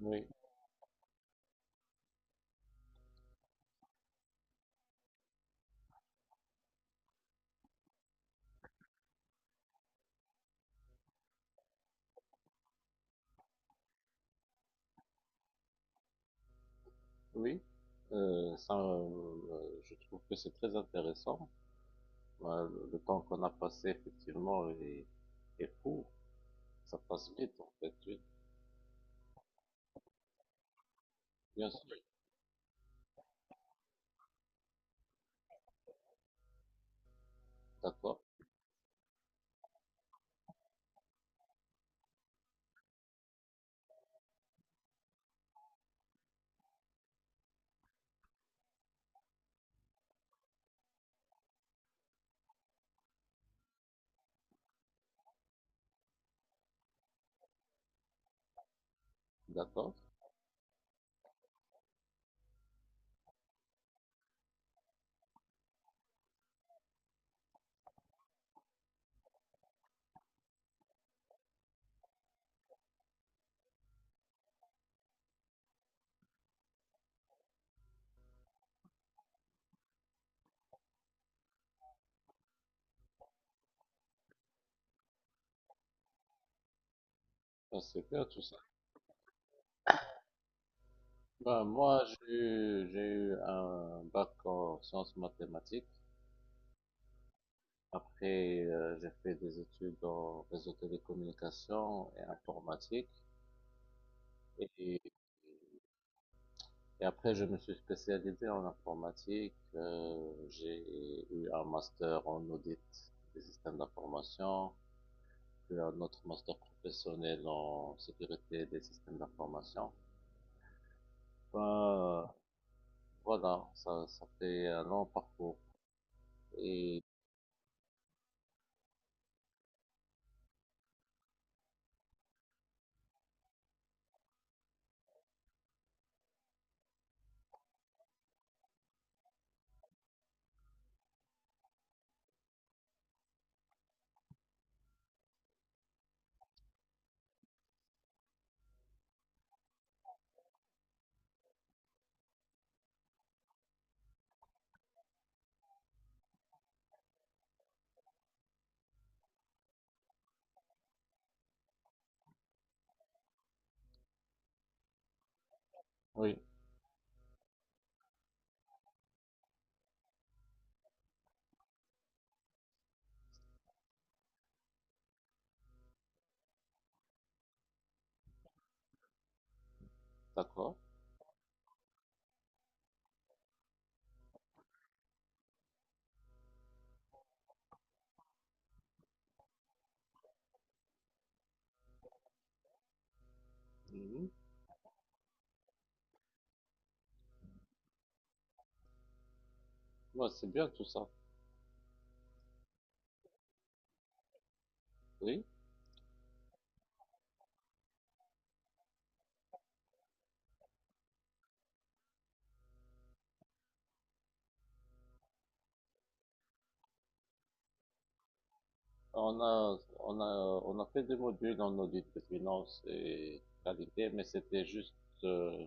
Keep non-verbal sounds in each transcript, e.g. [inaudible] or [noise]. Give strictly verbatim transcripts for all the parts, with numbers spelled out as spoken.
Oui, oui, euh, ça, euh, je trouve que c'est très intéressant. Euh, le le temps qu'on a passé, effectivement, est, est court. Ça passe vite, en fait. Oui, bien sûr. D'accord, d'accord. Ah, c'est bien tout ça. Ben, moi, j'ai eu, j'ai eu un bac en sciences mathématiques. Après, euh, j'ai fait des études en réseau télécommunications et informatique. Et Et après, je me suis spécialisé en informatique. Euh, j'ai eu un master en audit des systèmes d'information, puis un autre master professionnel en sécurité des systèmes d'information. Ben, voilà, ça, ça fait un long parcours. Et oui, d'accord. Mhm. Ouais, c'est bien tout ça. Oui, on a, on a, on a fait des modules en audit de finance et qualité, mais c'était juste euh,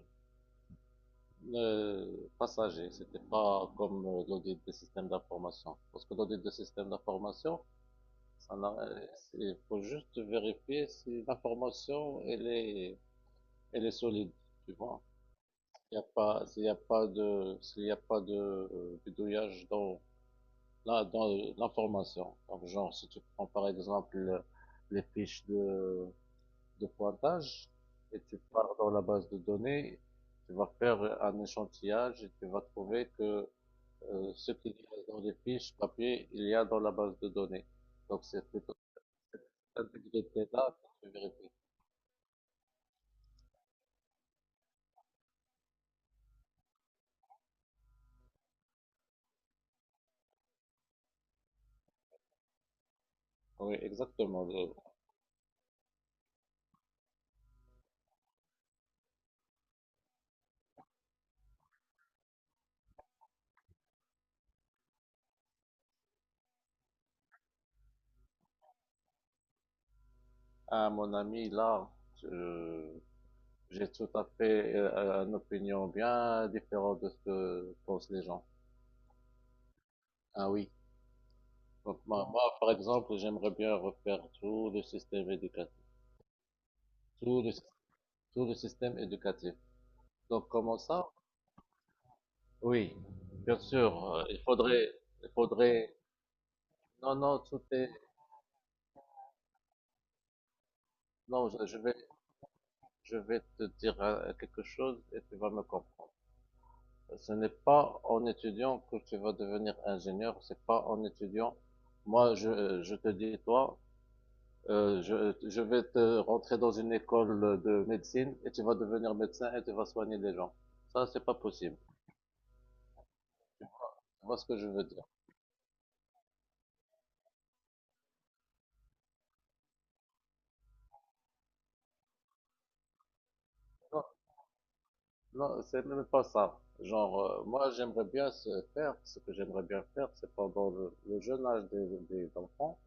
Euh, passager, c'était pas comme euh, l'audit des systèmes d'information. Parce que l'audit des systèmes d'information, ça n'a- euh, c'est- faut juste vérifier si l'information elle est, elle est solide, tu vois. Il y a pas, s'il y a pas de, s'il y a pas de euh, bidouillage dans là dans l'information. Donc genre si tu prends par exemple les fiches de de pointage et tu pars dans la base de données, tu vas faire un échantillage et tu vas trouver que euh, ce qu'il y a dans les fiches papier, il y a dans la base de données. Donc c'est plutôt intégrité là que vérité. Oui, exactement. À mon ami là, je- j'ai tout à fait euh, une opinion bien différente de ce que pensent les gens. Ah oui. Donc moi, moi, par exemple, j'aimerais bien refaire tout le système éducatif, tout le, tout le système éducatif. Donc comment ça? Oui, bien sûr. euh, il faudrait, il faudrait. Non, non, tout est. Non, je, je vais je vais te dire euh, quelque chose et tu vas me comprendre. Ce n'est pas en étudiant que tu vas devenir ingénieur, c'est pas en étudiant. Moi, je, je te dis, toi, euh, je, je vais te rentrer dans une école de médecine et tu vas devenir médecin et tu vas soigner les gens. Ça, c'est pas possible. Tu vois ce que je veux dire? Non, non, c'est même pas ça. Genre, euh, moi, j'aimerais bien se faire, ce que j'aimerais bien faire, c'est pendant le, le jeune âge des, des enfants,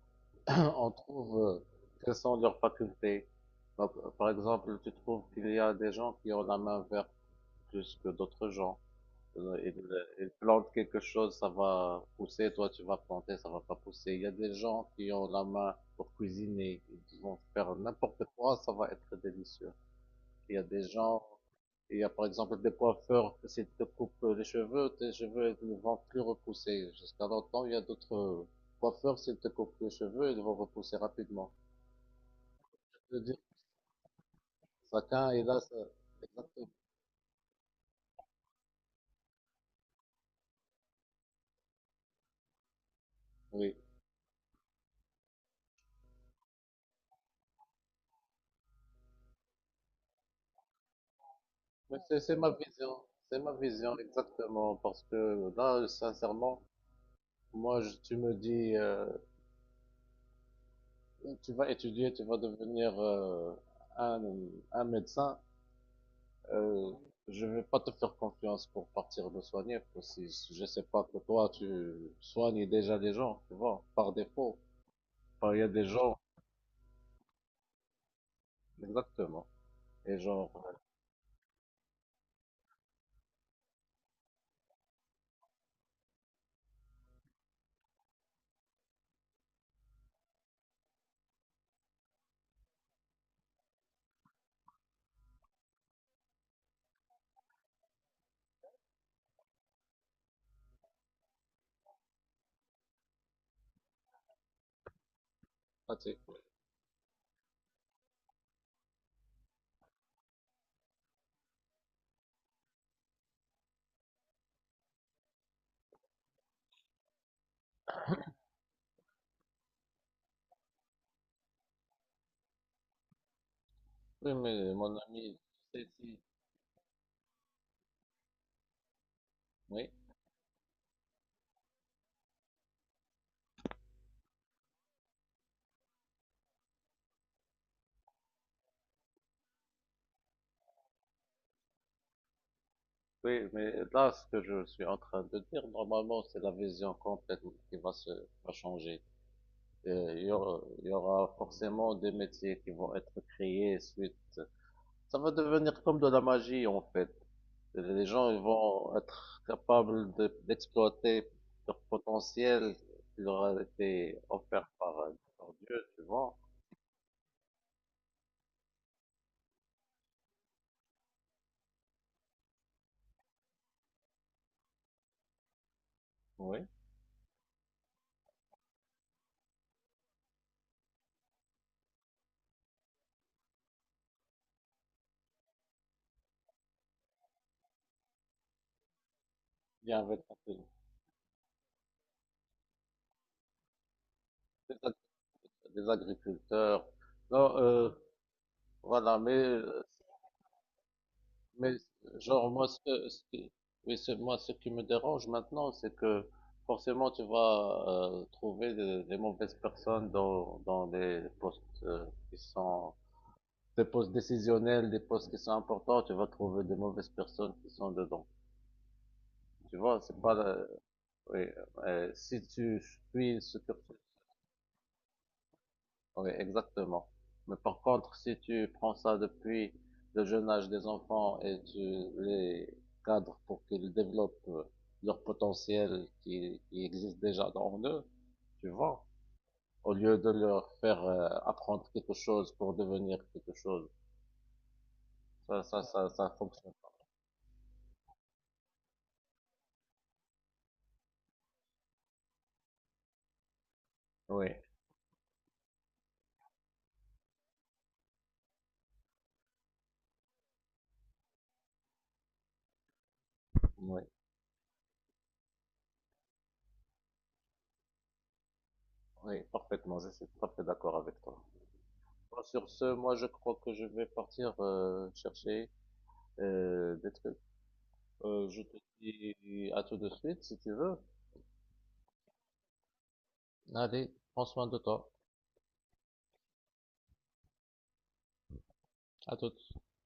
[laughs] on trouve euh, quelles sont leurs facultés. Par par exemple, tu trouves qu'il y a des gens qui ont la main verte plus que d'autres gens. Euh, Ils, euh, ils plantent quelque chose, ça va pousser, toi tu vas planter, ça va pas pousser. Il y a des gens qui ont la main pour cuisiner, ils vont faire n'importe quoi, ça va être délicieux. Il y a des gens, il y a par exemple des coiffeurs, s'ils te coupent les cheveux, tes cheveux ils ne vont plus repousser. Jusqu'à longtemps, il y a d'autres coiffeurs, s'ils te coupent les cheveux, ils vont repousser rapidement. Je dis, chacun et là, ça- exactement. Oui, mais c'est c'est ma vision, c'est ma vision exactement, parce que là, sincèrement, moi, je- tu me dis, euh, tu vas étudier, tu vas devenir euh, un, un médecin, euh, je vais pas te faire confiance pour partir me soigner, parce que si- je sais pas que toi, tu soignes déjà les gens, tu vois, par défaut, enfin, il y a des gens, exactement, et genre, euh, pratique. Oui, mais mon ami, c'est ici. Oui, mais là, ce que je suis en train de dire, normalement, c'est la vision complète qui va se, va changer. Euh, Il y aura, il y aura forcément des métiers qui vont être créés suite. Ça va devenir comme de la magie, en fait. Les gens, ils vont être capables de- d'exploiter leur potentiel qui leur a été offert par, euh, par Dieu, tu vois. Oui. Il y avait des, ag- des agriculteurs. Non, euh, voilà, mais euh, mais genre moi ce que ce qui- oui, ce- moi ce qui me dérange maintenant c'est que forcément tu vas euh, trouver des, des mauvaises personnes dans dans des postes euh, qui sont des postes décisionnels, des postes qui sont importants, tu vas trouver des mauvaises personnes qui sont dedans. Tu vois, c'est pas la- oui, euh, si tu suis ce cursus oui, exactement. Mais par contre, si tu prends ça depuis le jeune âge des enfants et tu les cadres pour qu'ils développent euh, leur potentiel qui, qui existe déjà dans eux, tu vois, au lieu de leur faire euh, apprendre quelque chose pour devenir quelque chose, ça, ça, ça, ça fonctionne pas. Oui, oui, oui, parfaitement. Je suis tout à fait d'accord avec toi. Bon, sur ce, moi, je crois que je vais partir euh, chercher euh, des trucs. Euh, je te dis à tout de suite si tu veux. Allez, prends soin de toi. À tout.